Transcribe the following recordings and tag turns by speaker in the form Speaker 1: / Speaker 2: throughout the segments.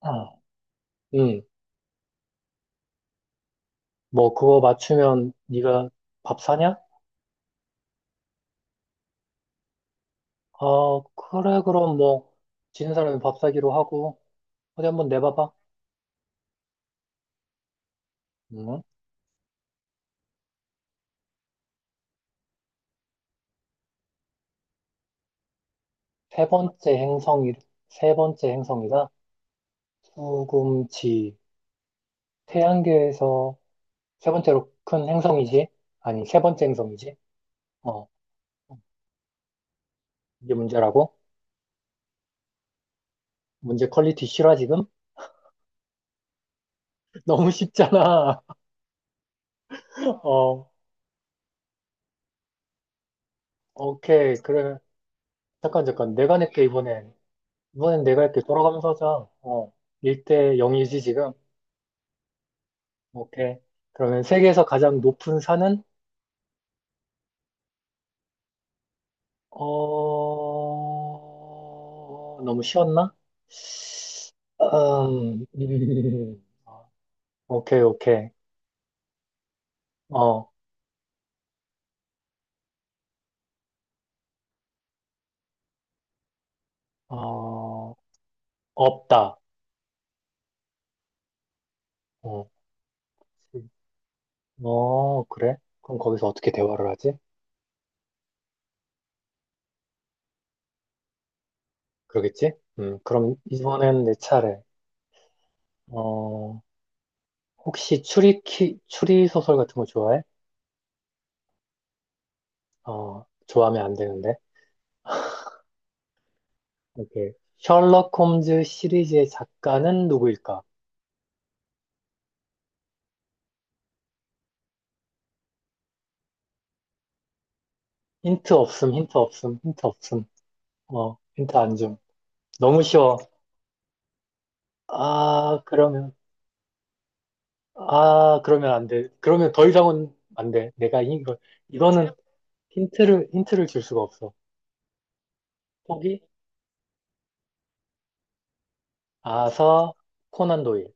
Speaker 1: 아, 응. 뭐 그거 맞추면 네가 밥 사냐? 아, 그래 그럼 뭐 지는 사람이 밥 사기로 하고 어디 한번 내봐봐. 응? 세 번째 행성이 세 번째 행성이다. 수금지 태양계에서 세 번째로 큰 행성이지? 아니 세 번째 행성이지? 어, 이게 문제라고? 문제 퀄리티 싫어 지금? 너무 쉽잖아. 어, 오케이 그래. 잠깐 잠깐 내가 낼게 이번엔. 이번엔 내가 이렇게 돌아가면서 하자. 어, 1대 0이지, 지금? 오케이. 그러면 세계에서 가장 높은 산은? 어, 너무 쉬웠나? 음. 오케이, 오케이. 어, 어, 없다. 어, 어, 그래? 그럼 거기서 어떻게 대화를 하지? 그러겠지? 그럼 이번엔 내 차례. 어, 혹시 추리 소설 같은 거 좋아해? 어, 좋아하면 안 되는데. 오케이. 셜록 홈즈 시리즈의 작가는 누구일까? 힌트 없음, 힌트 없음, 힌트 없음. 어, 힌트 안 줌. 너무 쉬워. 아, 그러면. 아, 그러면 안 돼. 그러면 더 이상은 안 돼. 내가 이거, 이거는 힌트를 줄 수가 없어. 포기? 아서 코난 도일.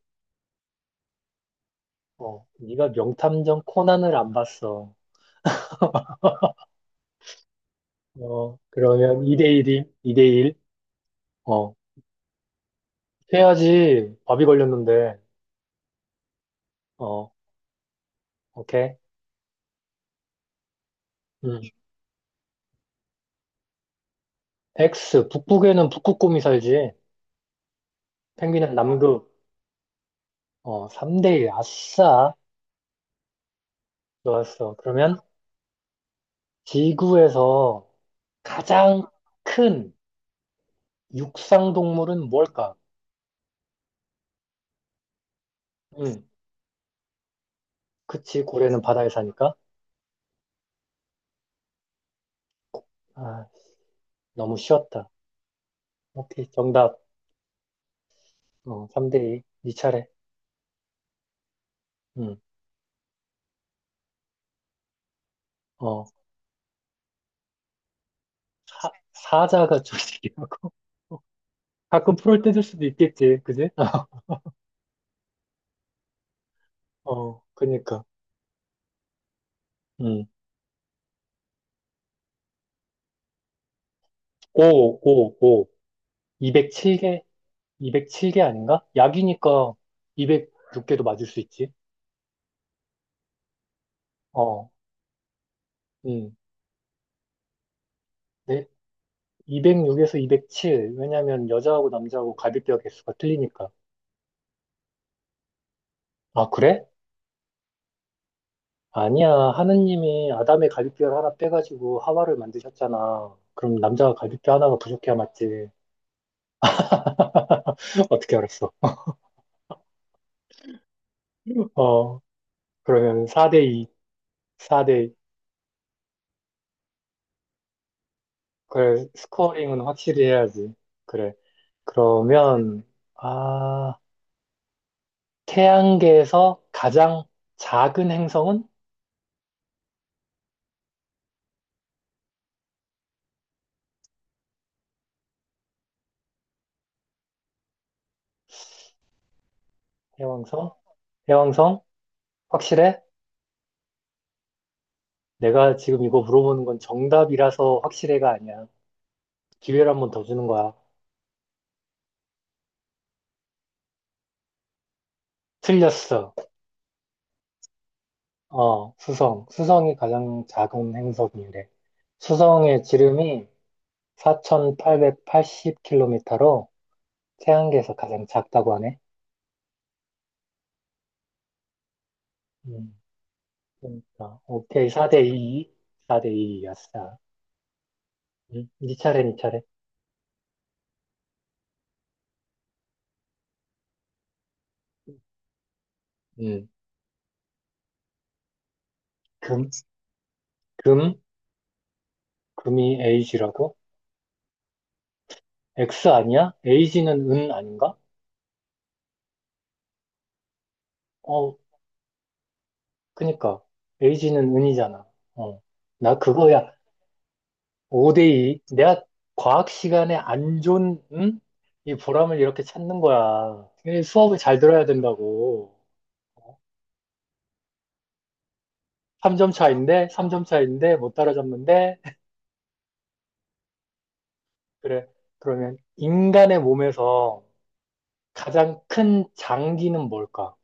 Speaker 1: 어, 네가 명탐정 코난을 안 봤어. 어, 그러면 2대1이, 2대1. 어, 해야지. 밥이 걸렸는데. 어, 오케이. 음. X, 북극에는 북극곰이 살지. 펭귄은 남극. 어, 3대1. 아싸. 좋았어. 그러면 지구에서 가장 큰 육상 동물은 뭘까? 응, 그치. 고래는 바다에 사니까. 아, 너무 쉬웠다. 오케이. 정답. 어, 3대2. 네 차례. 응, 어, 사자가 저기라고. 가끔 프로를 뜯을 수도 있겠지. 그지? 어, 그니까. 응, 오오 5. 207개, 207개 아닌가? 약이니까 206개도 맞을 수 있지. 어, 음. 네. 206에서 207. 왜냐면 여자하고 남자하고 갈비뼈 개수가 틀리니까. 아, 그래? 아니야. 하느님이 아담의 갈비뼈를 하나 빼가지고 하와를 만드셨잖아. 그럼 남자가 갈비뼈 하나가 부족해야 맞지. 어떻게 알았어? 어, 그러면 4대2, 4대2. 그래, 스코어링은 확실히 해야지. 그래. 그러면, 아, 태양계에서 가장 작은 행성은? 해왕성? 해왕성? 확실해? 내가 지금 이거 물어보는 건 정답이라서 확실해가 아니야. 기회를 한 번 더 주는 거야. 틀렸어. 어, 수성. 수성이 가장 작은 행성이래. 수성의 지름이 4,880km로 태양계에서 가장 작다고 하네. 음, 그러니까. 오케이. 4대 2. 4대 2였어. 네 차례, 네 차례. 음, 금, 금. 금이 에이지라고? X 아니야? 에이지는 은 아닌가? 어, 그니까. 에이지는 은이잖아. 어. 나 그거야. 5대2. 내가 과학 시간에 안 좋은, 응? 이 보람을 이렇게 찾는 거야. 이 수업을 잘 들어야 된다고. 3점 차인데, 3점 차인데, 못 따라잡는데. 그래. 그러면 인간의 몸에서 가장 큰 장기는 뭘까?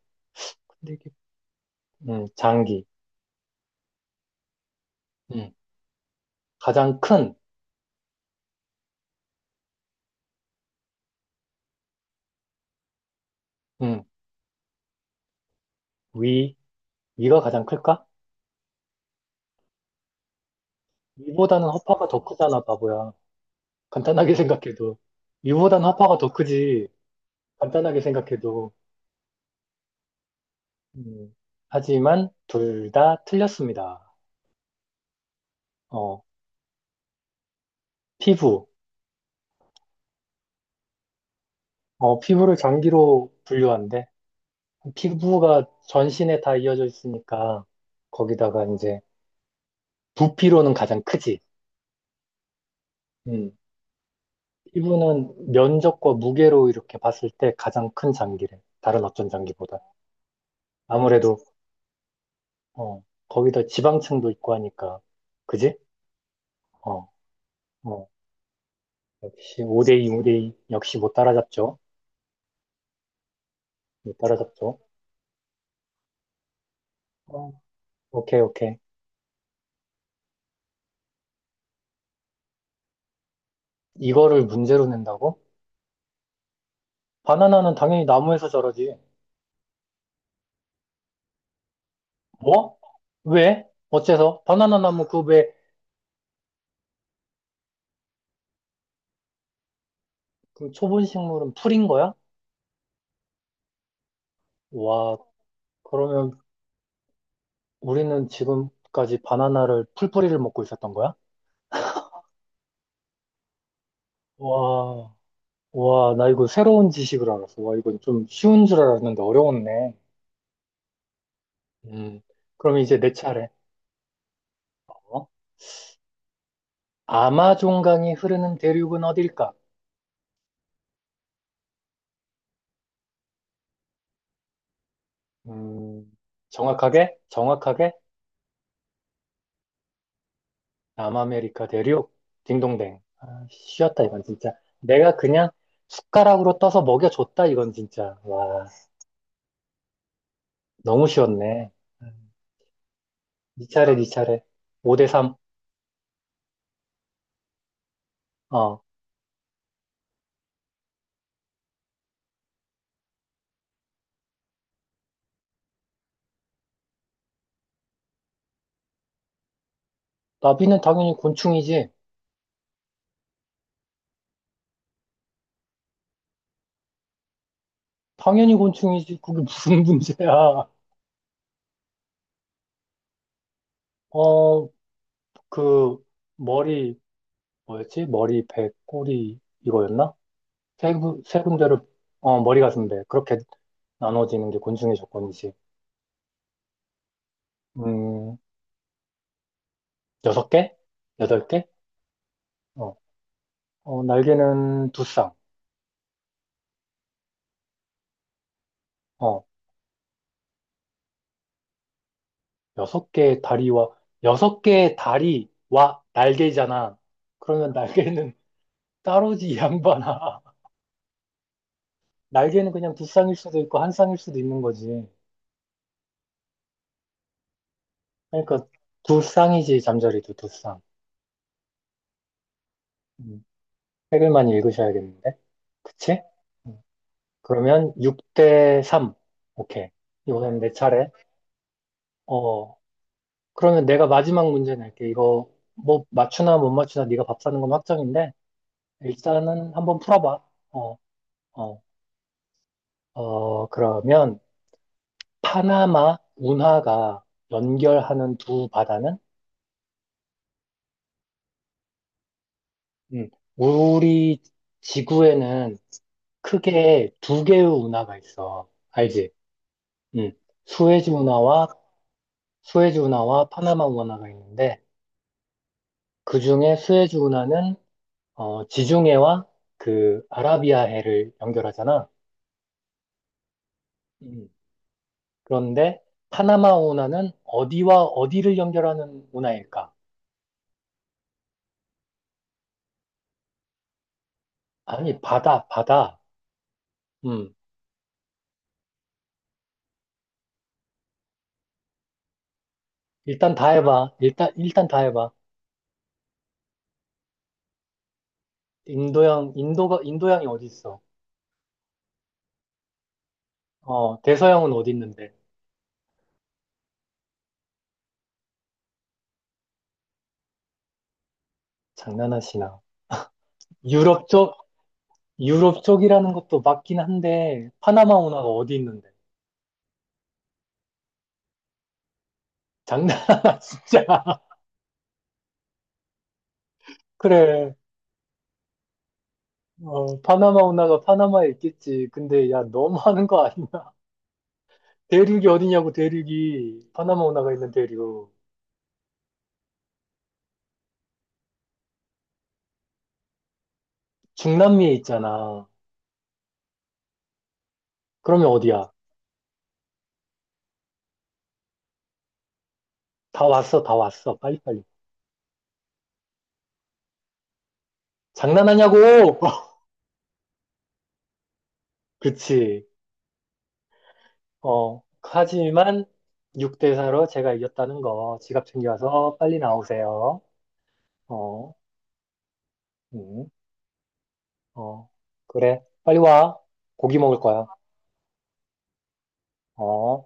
Speaker 1: 근데 이게. 장기. 음, 가장 큰. 음, 위, 이가 가장 클까? 이보다는 허파가 더 크잖아, 바보야. 간단하게 생각해도. 이보다는 허파가 더 크지. 간단하게 생각해도. 음, 하지만 둘 다 틀렸습니다. 어, 피부. 어, 피부를 장기로 분류한대. 피부가 전신에 다 이어져 있으니까 거기다가 이제 부피로는 가장 크지. 음, 피부는 면적과 무게로 이렇게 봤을 때 가장 큰 장기래. 다른 어떤 장기보다. 아무래도 어, 거기다 지방층도 있고 하니까. 그지? 어, 어. 역시 5대2, 5대2. 역시 못 따라잡죠. 못 따라잡죠. 어, 오케이, 오케이. 이거를 문제로 낸다고? 바나나는 당연히 나무에서 자라지. 뭐? 왜? 어째서? 바나나 나무 그 왜, 그 초본 식물은 풀인 거야? 와, 그러면 우리는 지금까지 바나나를 풀뿌리를 먹고 있었던 거야? 와, 와, 나 이거 새로운 지식을 알았어. 와, 이건 좀 쉬운 줄 알았는데 어려웠네. 음, 그럼 이제 내 차례. 어? 아마존강이 흐르는 대륙은 어딜까? 음, 정확하게? 정확하게? 남아메리카 대륙? 딩동댕. 아, 쉬었다, 이건 진짜. 내가 그냥 숟가락으로 떠서 먹여줬다, 이건 진짜. 와, 너무 쉬웠네. 음, 네 차례, 네 차례. 5대 3. 어, 나비는 당연히 곤충이지. 당연히 곤충이지. 그게 무슨 문제야. 어, 그, 머리, 뭐였지? 머리, 배, 꼬리, 이거였나? 3군데를. 어, 머리가 준대. 그렇게 나눠지는 게 곤충의 조건이지. 음, 6개? 8개? 어, 어, 날개는 두 쌍. 어, 여섯 개의 다리와, 여섯 개의 다리와 날개잖아. 그러면 날개는 따로지, 이 양반아. 날개는 그냥 두 쌍일 수도 있고, 한 쌍일 수도 있는 거지. 그러니까 두 쌍이지, 잠자리도 두 쌍. 음, 책을 많이 읽으셔야겠는데? 그치? 음. 그러면 6 대 3. 오케이. 이번엔 내 차례. 어, 그러면 내가 마지막 문제 낼게. 이거 뭐 맞추나 못 맞추나 네가 밥 사는 건 확정인데 일단은 한번 풀어봐. 어, 어, 그러면 파나마 운하가 연결하는 두 바다는. 음, 우리 지구에는 크게 두 개의 운하가 있어. 알지? 음, 수에즈 운하와 수에즈 운하와 파나마 운하가 있는데, 그 중에 수에즈 운하는 지중해와 그 아라비아해를 연결하잖아. 음. 그런데 파나마 운하는 어디와 어디를 연결하는 운하일까? 아니, 바다, 바다. 음, 일단 다 해봐. 일단 다 해봐. 인도양, 인도양이 어디 있어? 어, 대서양은 어디 있는데? 장난하시나. 유럽 쪽, 유럽 쪽이라는 것도 맞긴 한데, 파나마 운하가 어디 있는데? 장난하나, 진짜. 그래. 어, 파나마 운하가 파나마에 있겠지. 근데 야, 너무 하는 거 아니야? 대륙이 어디냐고, 대륙이. 파나마 운하가 있는 대륙. 중남미에 있잖아. 그러면 어디야? 다 왔어, 다 왔어. 빨리빨리. 장난하냐고! 그치. 어, 하지만 6대4로 제가 이겼다는 거. 지갑 챙겨와서 빨리 나오세요. 어, 응, 어. 그래. 빨리 와. 고기 먹을 거야. 어.